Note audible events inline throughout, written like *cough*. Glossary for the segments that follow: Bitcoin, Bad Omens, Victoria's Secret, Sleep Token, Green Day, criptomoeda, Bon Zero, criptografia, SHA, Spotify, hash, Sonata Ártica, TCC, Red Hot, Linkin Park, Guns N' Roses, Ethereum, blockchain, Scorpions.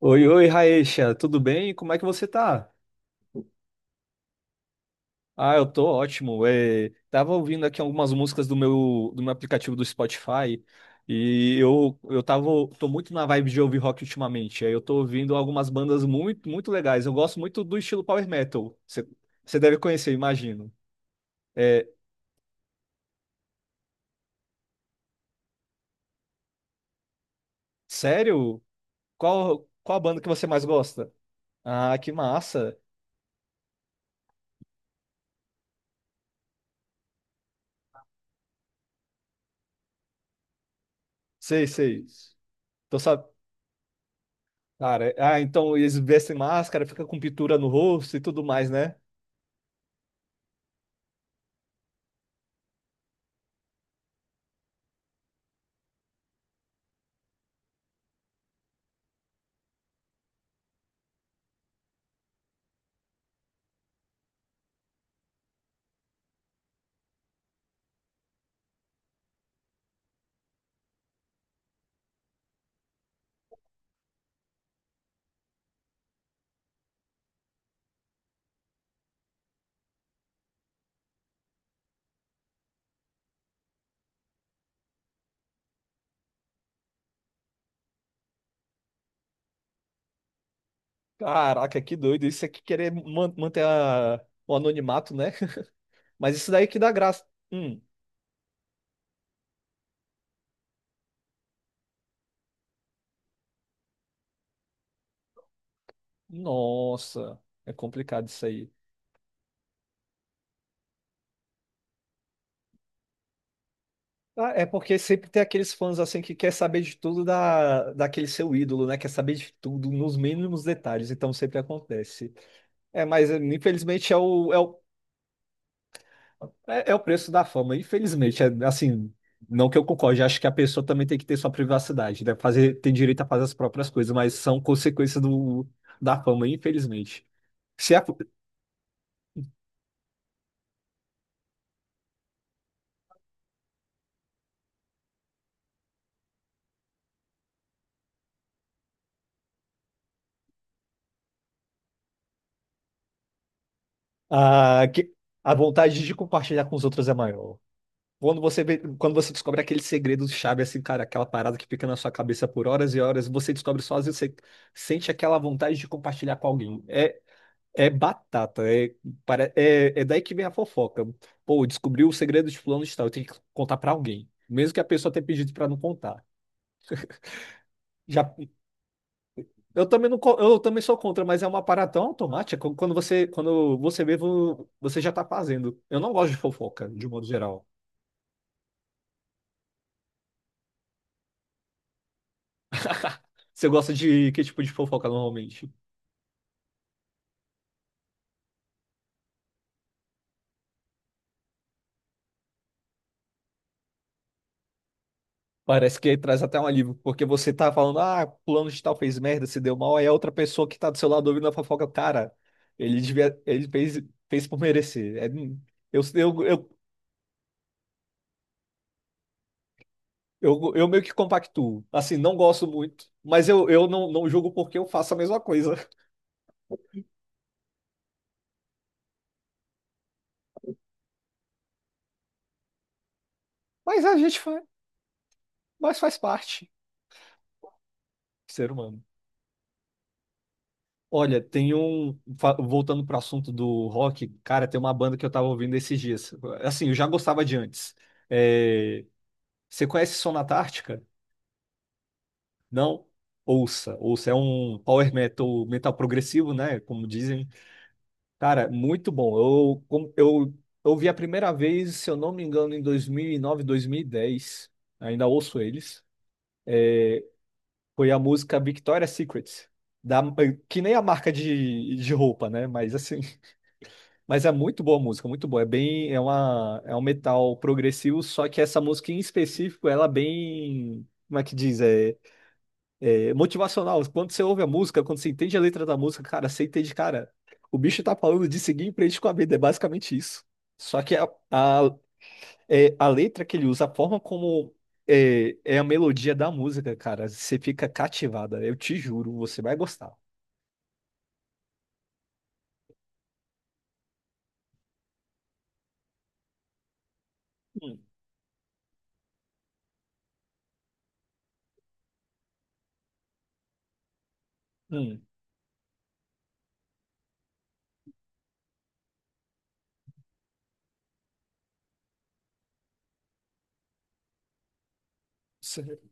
Oi, oi, Raecha, tudo bem? Como é que você tá? Ah, eu tô ótimo. É, tava ouvindo aqui algumas músicas do meu aplicativo do Spotify e eu tava, tô muito na vibe de ouvir rock ultimamente. Aí eu tô ouvindo algumas bandas muito, muito legais. Eu gosto muito do estilo power metal. Você deve conhecer, imagino. É, sério? Qual a banda que você mais gosta? Ah, que massa. Sei, sei. Tô sab... Cara, é, ah, então eles vestem máscara, fica com pintura no rosto e tudo mais, né? Caraca, que doido. Isso aqui querer manter o anonimato, né? *laughs* Mas isso daí que dá graça. Hum, nossa, é complicado isso aí. Ah, é porque sempre tem aqueles fãs assim que quer saber de tudo daquele seu ídolo, né? Quer saber de tudo nos mínimos detalhes, então sempre acontece. É, mas infelizmente é o É, é o preço da fama, infelizmente. É, assim, não que eu concorde, acho que a pessoa também tem que ter sua privacidade, né? Fazer, tem direito a fazer as próprias coisas, mas são consequências da fama, infelizmente. Se a, a, que- a vontade de compartilhar com os outros é maior. Quando quando você descobre aquele segredo chave, assim, cara, aquela parada que fica na sua cabeça por horas e horas, você descobre sozinho, você sente aquela vontade de compartilhar com alguém. É, É batata, é daí que vem a fofoca. Pô, descobriu o segredo de fulano de tal, eu tenho que contar pra alguém, mesmo que a pessoa tenha pedido pra não contar. Já, eu também não, co- eu também sou contra, mas é uma parada tão automática quando você, quando você vê, vo- você já tá fazendo. Eu não gosto de fofoca, de modo geral. Você gosta de que tipo de fofoca normalmente? Parece que traz até um alívio, porque você tá falando, ah, plano de tal fez merda, se deu mal, aí a outra pessoa que tá do seu lado ouvindo a fofoca, cara, ele devia, ele fez, fez por merecer. É, eu, eu, eu, eu meio que compactuo. Assim, não gosto muito, mas eu não, não julgo porque eu faço a mesma coisa. *laughs* Mas a gente faz, mas faz parte, ser humano. Olha, voltando pro assunto do rock, cara, tem uma banda que eu tava ouvindo esses dias. Assim, eu já gostava de antes. É, você conhece Sonata Ártica? Não, ouça, ouça, é um power metal, metal progressivo, né? Como dizem. Cara, muito bom. Eu a primeira vez, se eu não me engano, em dois mil e 9, 2010. Ainda ouço eles. Foi a música Victoria's Secret. Da, que nem a marca de roupa, né? Mas assim, *laughs* mas é muito boa a música, muito boa. É bem, é um metal progressivo, só que essa música em específico, ela é bem, como é que diz? É. É motivacional. Quando você ouve a música, quando você entende a letra da música, cara, você entende, cara, o bicho tá falando de seguir em frente com a vida, é basicamente isso. Só que a, é, a letra que ele usa, a forma como é, é a melodia da música, cara, você fica cativada. Eu te juro, você vai gostar. Hum, hum. Sério.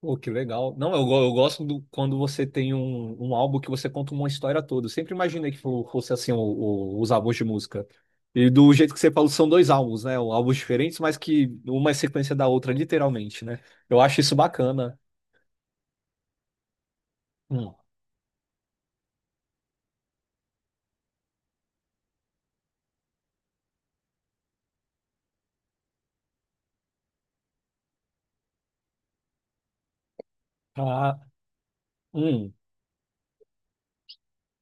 Pô, que legal. Não, eu gosto do, quando você tem um álbum que você conta uma história toda. Eu sempre imaginei fosse assim os álbuns de música. E do jeito que você falou, são dois álbuns, né? Álbuns diferentes, mas que uma é sequência da outra, literalmente, né? Eu acho isso bacana. Hum. Ah, hum.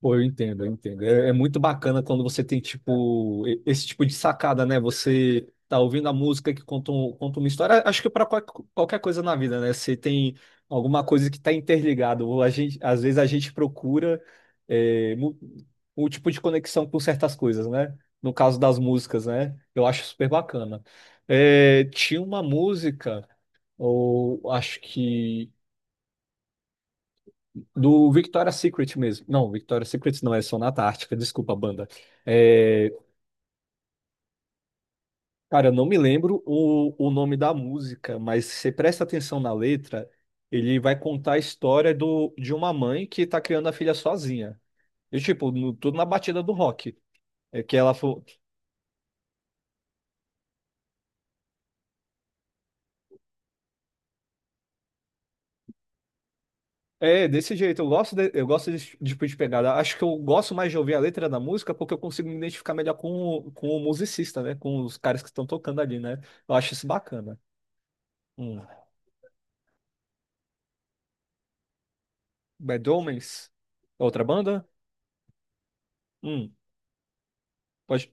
Pô, eu entendo, eu entendo. É, é muito bacana quando você tem, tipo, esse tipo de sacada, né? Você tá ouvindo a música conta uma história. Acho que para qualquer coisa na vida, né? Você tem alguma coisa que tá interligado. Ou a gente, às vezes a gente procura é, mu- um tipo de conexão com certas coisas, né? No caso das músicas, né? Eu acho super bacana. É, tinha uma música, ou acho que. Do Victoria's Secret mesmo. Não, Victoria's Secret não, é Sonata Ártica, desculpa, banda. É, cara, eu não me lembro o nome da música, mas se você presta atenção na letra, ele vai contar a história de uma mãe que tá criando a filha sozinha. E, tipo, tudo na batida do rock. É que ela falou. É, desse jeito, eu gosto de, eu gosto desse tipo de pegada. Acho que eu gosto mais de ouvir a letra da música porque eu consigo me identificar melhor com o musicista, né? Com os caras que estão tocando ali, né? Eu acho isso bacana. Hum. Bad Omens? É outra banda? Hum, pode.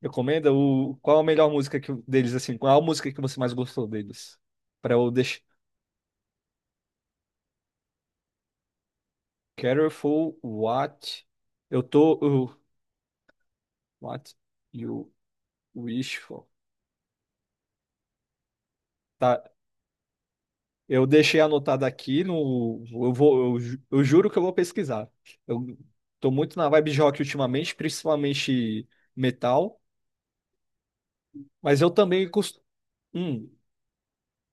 Recomenda o. Qual a melhor música que... deles, assim? Qual a música que você mais gostou deles? Pra eu deixar. Careful what eu tô. eu- What you wish for. Tá. Eu deixei anotado aqui no. Eu vou. Eu juro que eu vou pesquisar. Eu tô muito na vibe de rock ultimamente, principalmente metal. Mas eu também costumo.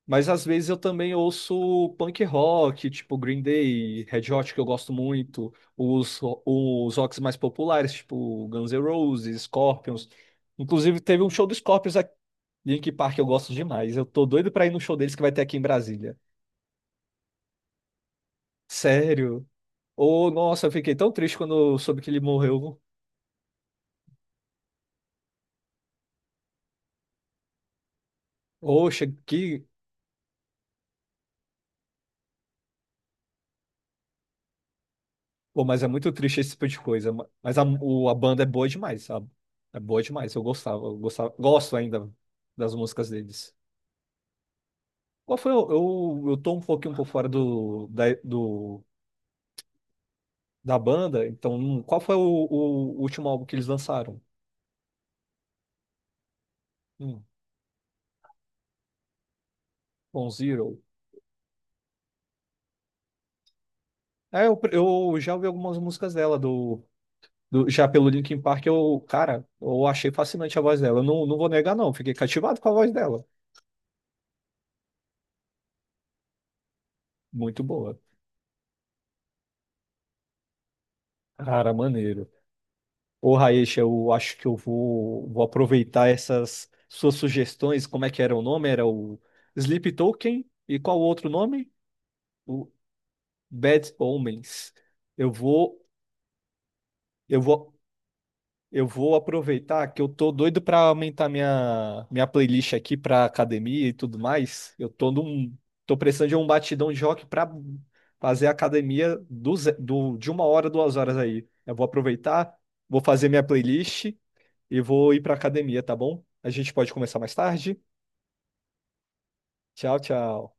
Mas às vezes eu também ouço punk rock, tipo Green Day, Red Hot, que eu gosto muito, os rocks mais populares, tipo Guns N' Roses, Scorpions. Inclusive, teve um show do Scorpions aqui em Linkin Park, eu gosto demais. Eu tô doido pra ir no show deles que vai ter aqui em Brasília. Sério? Ô, nossa, eu fiquei tão triste quando eu soube que ele morreu. Oxa, que. Pô, mas é muito triste esse tipo de coisa. Mas a banda é boa demais, sabe? É boa demais. Eu gostava, gosto ainda das músicas deles. Qual foi o, eu tô um pouquinho por fora da banda, então qual foi o último álbum que eles lançaram? Hum, Bon Zero. É, eu já ouvi algumas músicas dela, já pelo Linkin Park, eu, cara, eu achei fascinante a voz dela. Eu não, não vou negar, não, fiquei cativado com a voz dela. Muito boa. Cara, maneiro. Ô, Raíssa, eu acho que vou aproveitar essas suas sugestões. Como é que era o nome? Era o Sleep Token e qual o outro nome? Bad Omens. Eu vou, eu vou, eu vou aproveitar que eu tô doido pra aumentar minha playlist aqui pra academia e tudo mais. Tô precisando de um batidão de rock pra fazer a academia de 1 hora, 2 horas aí. Eu vou aproveitar, vou fazer minha playlist e vou ir pra academia, tá bom? A gente pode começar mais tarde. Tchau, tchau.